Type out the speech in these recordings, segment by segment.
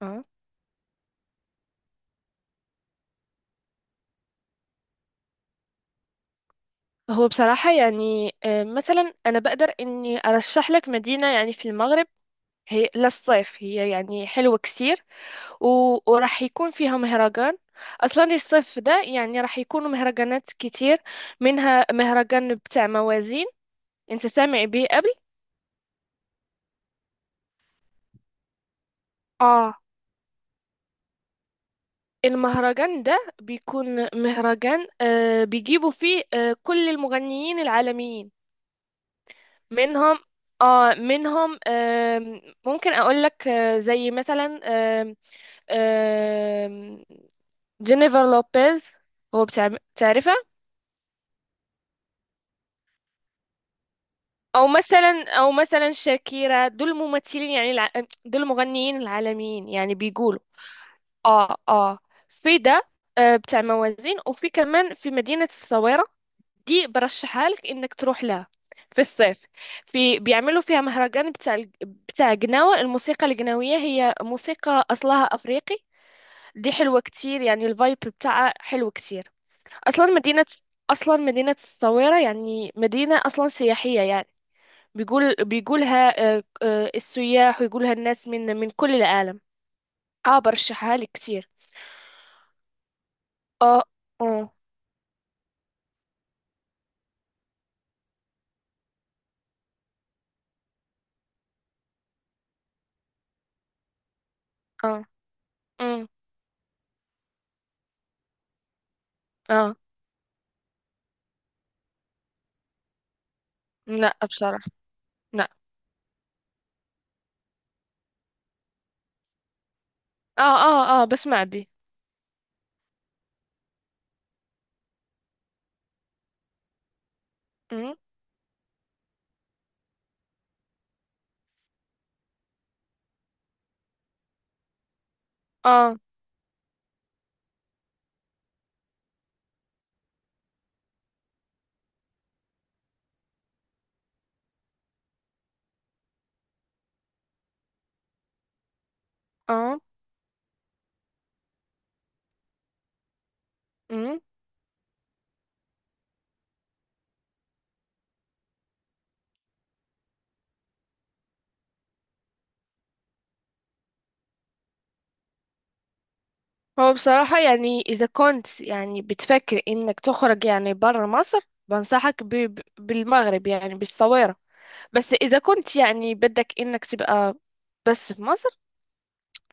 اه. هو بصراحة يعني مثلا أنا بقدر إني أرشح لك مدينة يعني في المغرب. هي للصيف، هي يعني حلوة كتير. و... وراح يكون فيها مهرجان. أصلا الصيف ده يعني راح يكونوا مهرجانات كتير، منها مهرجان بتاع موازين. أنت سامع بيه قبل؟ آه. المهرجان ده بيكون مهرجان بيجيبوا فيه كل المغنيين العالميين، منهم. اه، منهم ممكن اقول لك زي مثلا، آم، آم، جينيفر لوبيز. هو بتاع تعرفها. او مثلا شاكيرا، دول ممثلين يعني، دول مغنيين العالميين يعني بيقولوا. اه اه. في ده، بتاع موازين. وفي كمان في مدينة الصويرة، دي برشحها لك انك تروح لها في الصيف. في بيعملوا فيها مهرجان بتاع بتاع جناوة. الموسيقى الجناوية هي موسيقى أصلها أفريقي. دي حلوة كتير، يعني الفايب بتاعها حلو كتير. أصلا مدينة أصلا مدينة الصويرة يعني مدينة أصلا سياحية يعني. بيقولها السياح، ويقولها الناس من كل العالم. اه، برشحها لك كتير. اه اه اه. أمم، اه. لا، بصراحة. لا. اه اه اه بسمع بي. أمم. اه اه. امم. هو بصراحة يعني إذا كنت يعني بتفكر إنك تخرج يعني برا مصر، بنصحك بالمغرب يعني بالصويرة. بس إذا كنت يعني بدك إنك تبقى بس في مصر،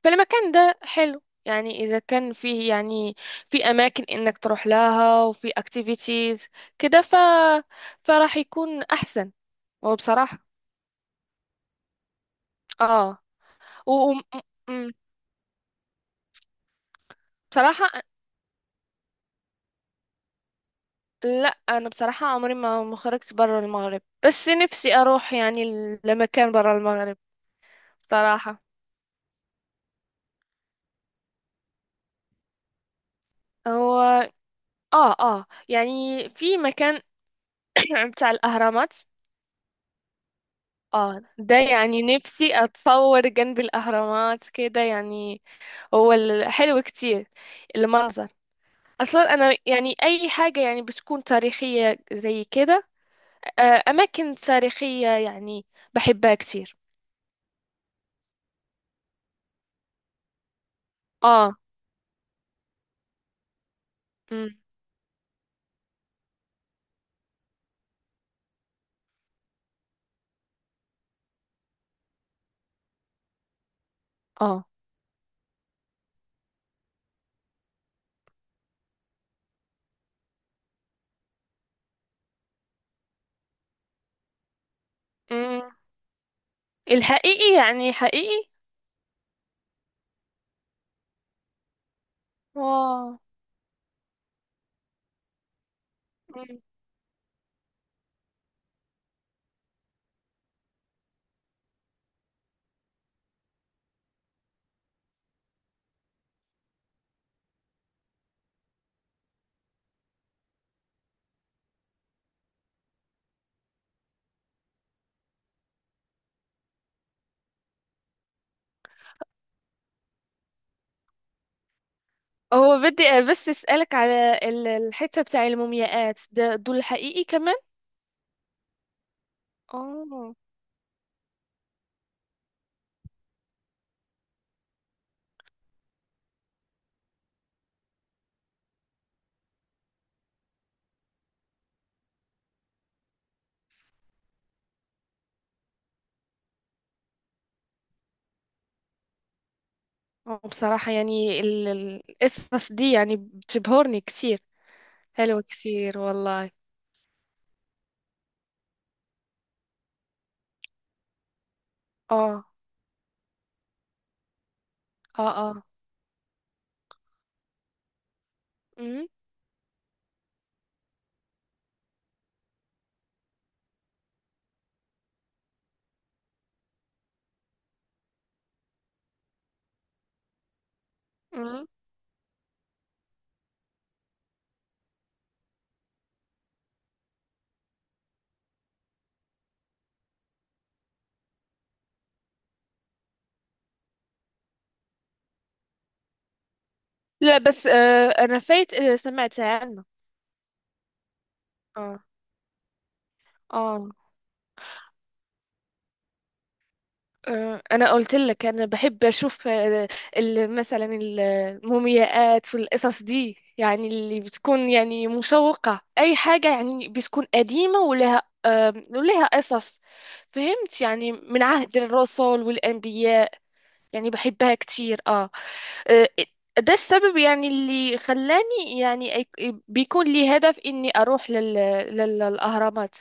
فالمكان ده حلو يعني إذا كان فيه يعني، في أماكن إنك تروح لها وفي activities كده، فراح يكون أحسن. وبصراحة. اه. و... و... م- م- بصراحة، لا. انا بصراحه عمري ما خرجت برا المغرب، بس نفسي اروح يعني لمكان برا المغرب. بصراحه. هو اه اه يعني في مكان بتاع الاهرامات. اه، ده يعني نفسي اتصور جنب الاهرامات كده يعني. هو حلو كتير المنظر. اصلا انا يعني اي حاجه يعني بتكون تاريخيه زي كده. اماكن تاريخيه يعني بحبها كتير. اه. امم. اه. الحقيقي يعني حقيقي. واو. مم. هو بدي بس اسألك على الحتة بتاع المومياءات ده، دول حقيقي كمان؟ اه. بصراحة يعني القصص دي يعني بتبهرني كتير. حلوة كتير والله. اه اه اه. مم. مم. لا، بس انا فايت. سمعت عنه. اه اه. انا قلت لك انا بحب اشوف، مثلا المومياءات والقصص دي يعني اللي بتكون يعني مشوقة، اي حاجة يعني بتكون قديمة ولها قصص. فهمت؟ يعني من عهد الرسل والانبياء. يعني بحبها كتير، اه. آه، ده السبب يعني اللي خلاني يعني، بيكون لي هدف اني اروح للاهرامات.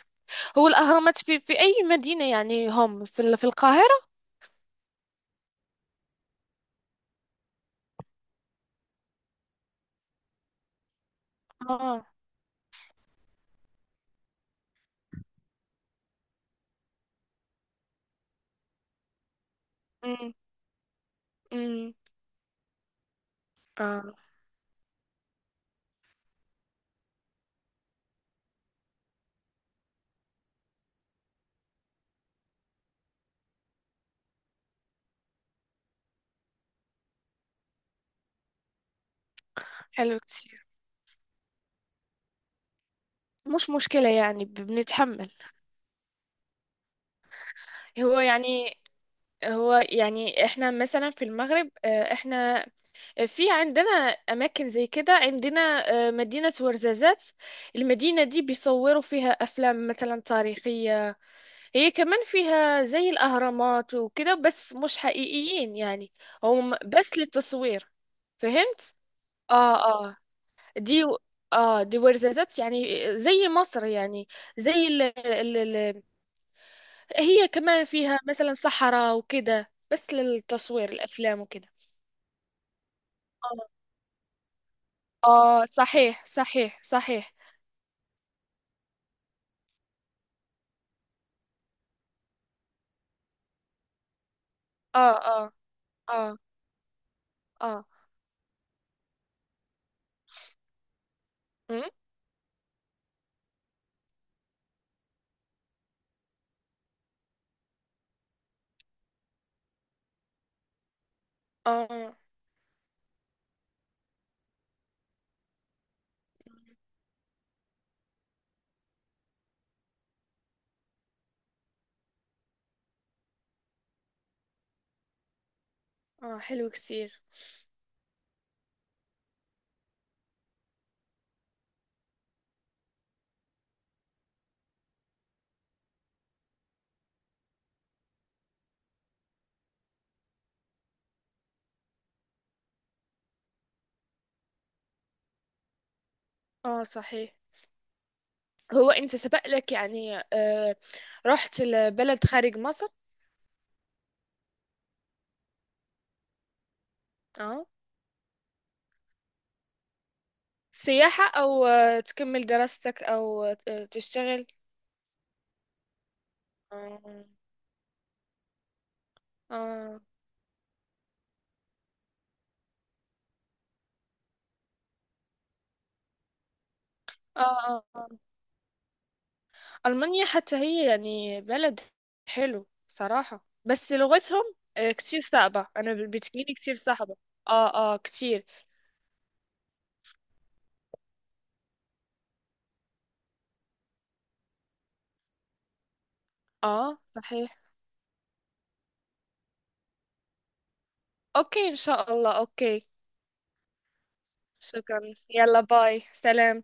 هو الاهرامات في اي مدينة؟ يعني هم في في القاهرة. اه. امم. اه. حلو كتير. مش مشكلة يعني، بنتحمل. هو يعني هو يعني احنا مثلا في المغرب، احنا في عندنا اماكن زي كده عندنا. مدينة ورزازات، المدينة دي بيصوروا فيها افلام مثلا تاريخية. هي كمان فيها زي الاهرامات وكده بس مش حقيقيين يعني، هم بس للتصوير. فهمت؟ اه اه. دي اه، دي ورزازات يعني زي مصر يعني. زي ال... ال... ال... هي كمان فيها مثلا صحراء وكده بس للتصوير الافلام وكده. اه. صحيح صحيح صحيح. اه اه اه اه، أم؟ اه اه. حلو كثير. اه، صحيح. هو انت سبق لك يعني، رحت لبلد خارج مصر؟ اه، سياحة او تكمل دراستك او تشتغل؟ اه اه اه اه. آه. ألمانيا حتى هي يعني بلد حلو صراحة، بس لغتهم كتير صعبة. أنا بتجيلي كتير صعبة. اه اه كتير. اه صحيح. اوكي، إن شاء الله، اوكي. شكرا. يلا، باي، سلام.